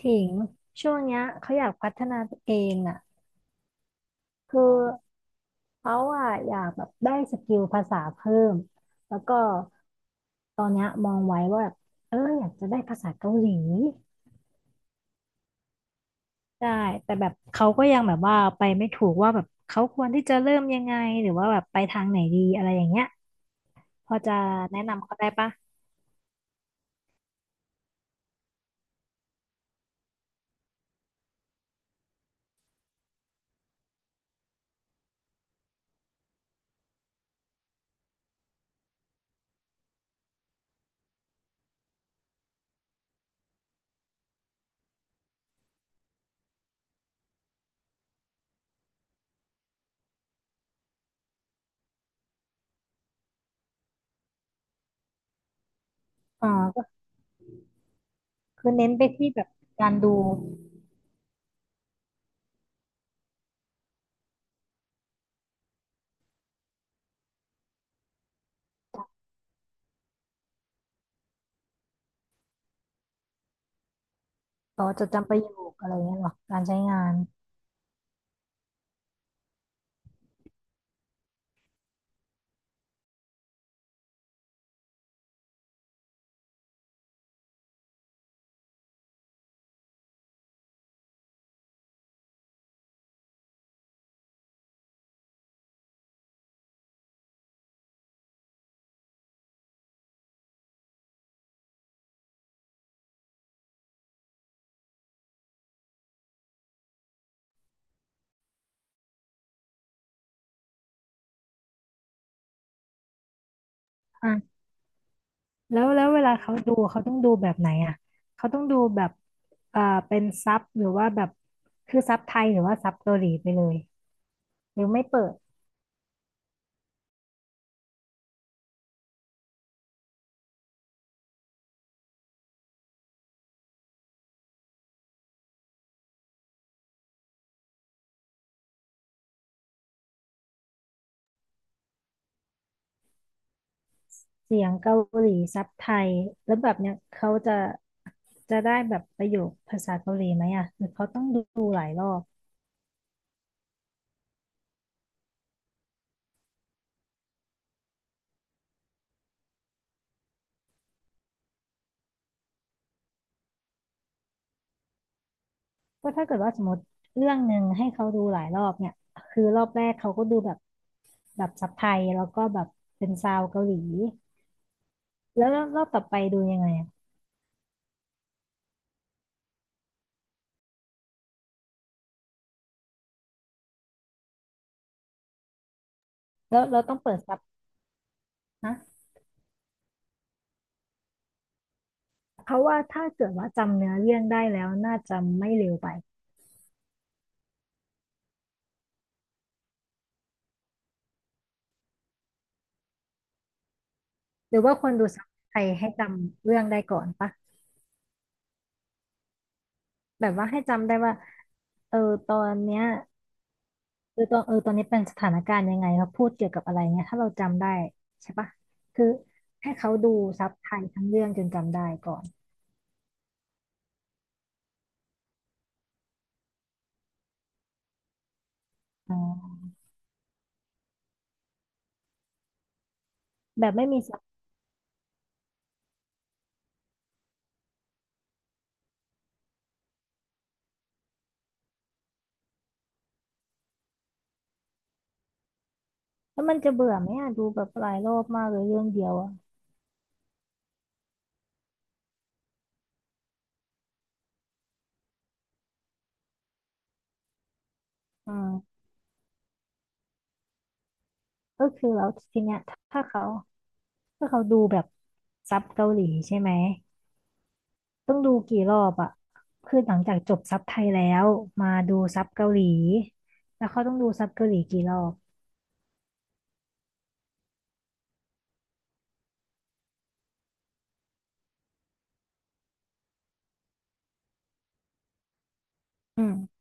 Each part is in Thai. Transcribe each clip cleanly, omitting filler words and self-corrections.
ถิงช่วงเนี้ยเขาอยากพัฒนาตัวเองอ่ะคือเขาอ่ะอยากแบบได้สกิลภาษาเพิ่มแล้วก็ตอนเนี้ยมองไว้ว่าแบบอยากจะได้ภาษาเกาหลีได้แต่แบบเขาก็ยังแบบว่าไปไม่ถูกว่าแบบเขาควรที่จะเริ่มยังไงหรือว่าแบบไปทางไหนดีอะไรอย่างเงี้ยพอจะแนะนำเขาได้ปะอ๋อก็คือเน้นไปที่แบบการดูต่อจดจำประโยคอะไรเงี้ยหรอการใช้งานอ่า แล้วแล้วเวลาเขาดูเขาต้องดูแบบไหนอ่ะเขาต้องดูแบบเอ่อเป็นซับหรือว่าแบบคือซับไทยหรือว่าซับเกาหลีไปเลยหรือไม่เปิดเสียงเกาหลีซับไทยแล้วแบบเนี้ยเขาจะจะได้แบบประโยคภาษาเกาหลีไหมอ่ะหรือเขาต้องดูหลายรอบก็ถ้าเกิดว่าสมมติเรื่องหนึ่งให้เขาดูหลายรอบเนี่ยคือรอบแรกเขาก็ดูแบบแบบซับไทยแล้วก็แบบเป็นซาวเกาหลีแล้วรอบต่อไปดูยังไงอ่ะแล้วเราต้องเปิดซับนะ เพราะว่าถ้าเกิดว่าจำเนื้อเรื่องได้แล้วน่าจะไม่เร็วไปหรือว่าควรดูซับไทยให้จำเรื่องได้ก่อนปะแบบว่าให้จำได้ว่าเออตอนเนี้ยเออตอนเออตอนนี้เป็นสถานการณ์ยังไงเขาพูดเกี่ยวกับอะไรเงี้ยถ้าเราจำได้ใช่ปะคือให้เขาดูซับไทยทั้งเรื่องจนจำได้ก่อนอ๋อแบบไม่มีซับแล้วมันจะเบื่อไหมอะดูแบบหลายรอบมากเลยเรื่องเดียวอ่ะอ่าก็คือแล้วทีเนี้ยถ้าเขาถ้าเขาดูแบบซับเกาหลีใช่ไหม ต้องดูกี่รอบอะคือหลังจากจบซับไทยแล้วมาดูซับเกาหลีแล้วเขาต้องดูซับเกาหลีกี่รอบอืม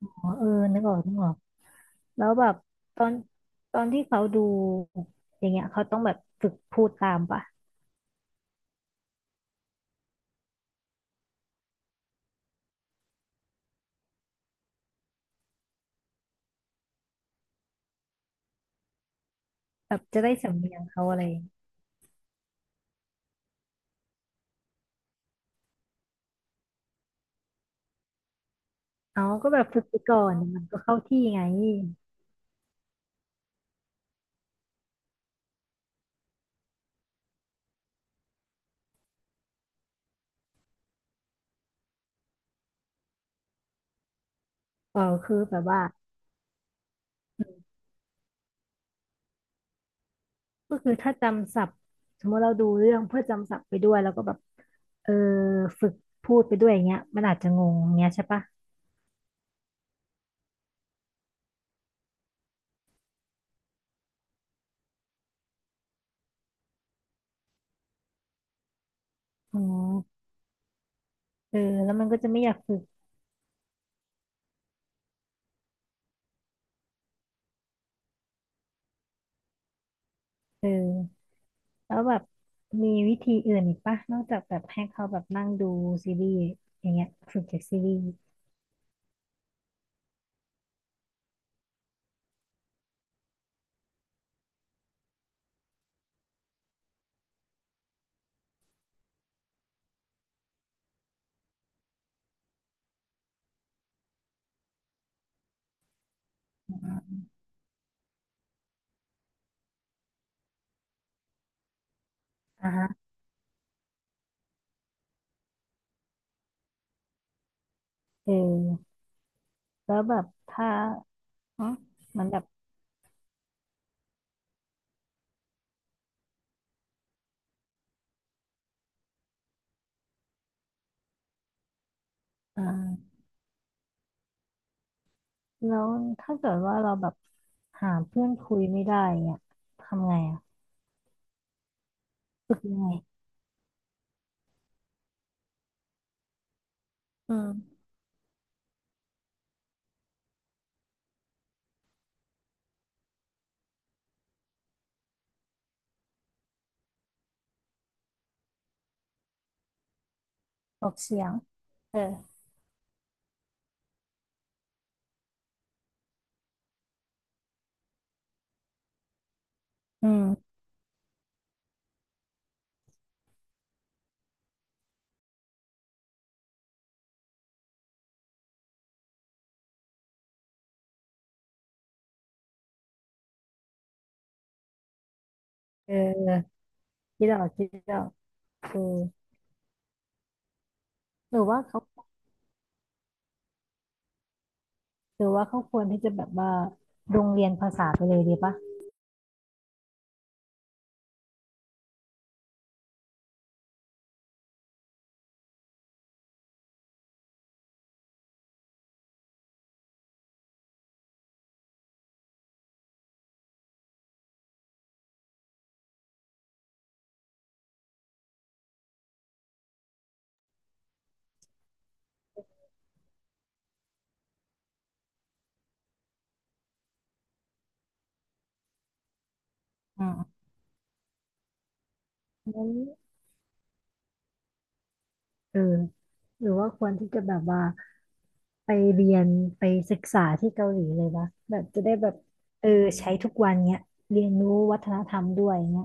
อ๋อเออนึกออกนึกออกแล้วแบบตอนตอนที่เขาดูอย่างเงี้ยเขาต้องแบบฝึกพูดตามปะแบบจะได้สำเนียงเขาอะไรอย่างเงี้ยอ๋อก็แบบฝึกไปก่อนมันก็เข้าที่ไงเออคือแบบว่าอืมก็คือถ้าจำศัพท์สมมติเราดูเรื่องเพื่อจำศัพท์ไปด้วยแล้วก็แบบเออฝึกพูดไปด้วยอย่างเงี้ยมันอาจจะงงอย่างเงี้ยใช่ปะอ๋อ เออแล้วมันก็จะไม่อยากฝึกเออแล้วแบบมีวิธีอื่นอีกปะนอกจากแบบให้เขาแบบนั่งดูซีรีส์อย่างเงี้ยฝึกจากซีรีส์อ่ะฮะเออแล้วแบบถ้าอ๋อมันแบบอ่าแล้วถ้าเกิดว่าเราแบบหาเพื่อนคุยไม่ได้เนี่ยทำไงอ่ะฝึกยังไงอืมออกเสียงเอออืมเออคิดออกคิดออกเออหรือว่าเขาหรือว่าเขาควรที่จะแบบว่าโรงเรียนภาษาไปเลยดีปะอืม งั้นเออหรือว่าควรที่จะแบบว่าไปเรียนไปศึกษาที่เกาหลีเลยวะแบบจะได้แบบเออใช้ทุกวันเนี้ยเรียนรู้วัฒนธรรมด้วยเนี้ย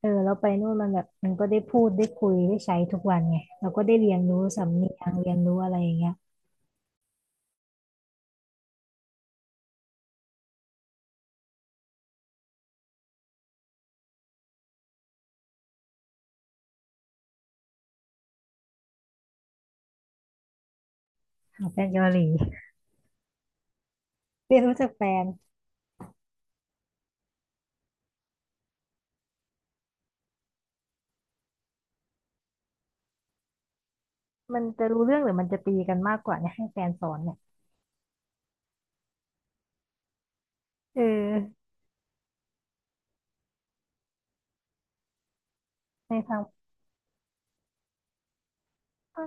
เออแล้วไปนู่นมันแบบมันก็ได้พูดได้คุยได้ใช้ทุกวันไงเราก็ได้เรียนรู้สำเนียงเรียนรู้อะไรอย่างเงี้ยของแฟนเกาหลี เรียนรู้จากแฟนมันจะรู้เรื่องหรือมันจะตีกันมากกว่าเนี่ยให้แฟนสอนเนี่ยเออในทางก็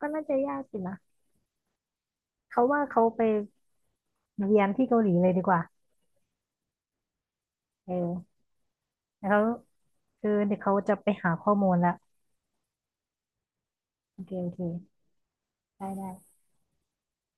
ก็น่าจะยากสินะเขาว่าเขาไปเรียนที่เกาหลีเลยดีกว่าเออ แล้วคือเดี๋ยวเขาจะไปหาข้อมูลละโอเคโอเคได้ได้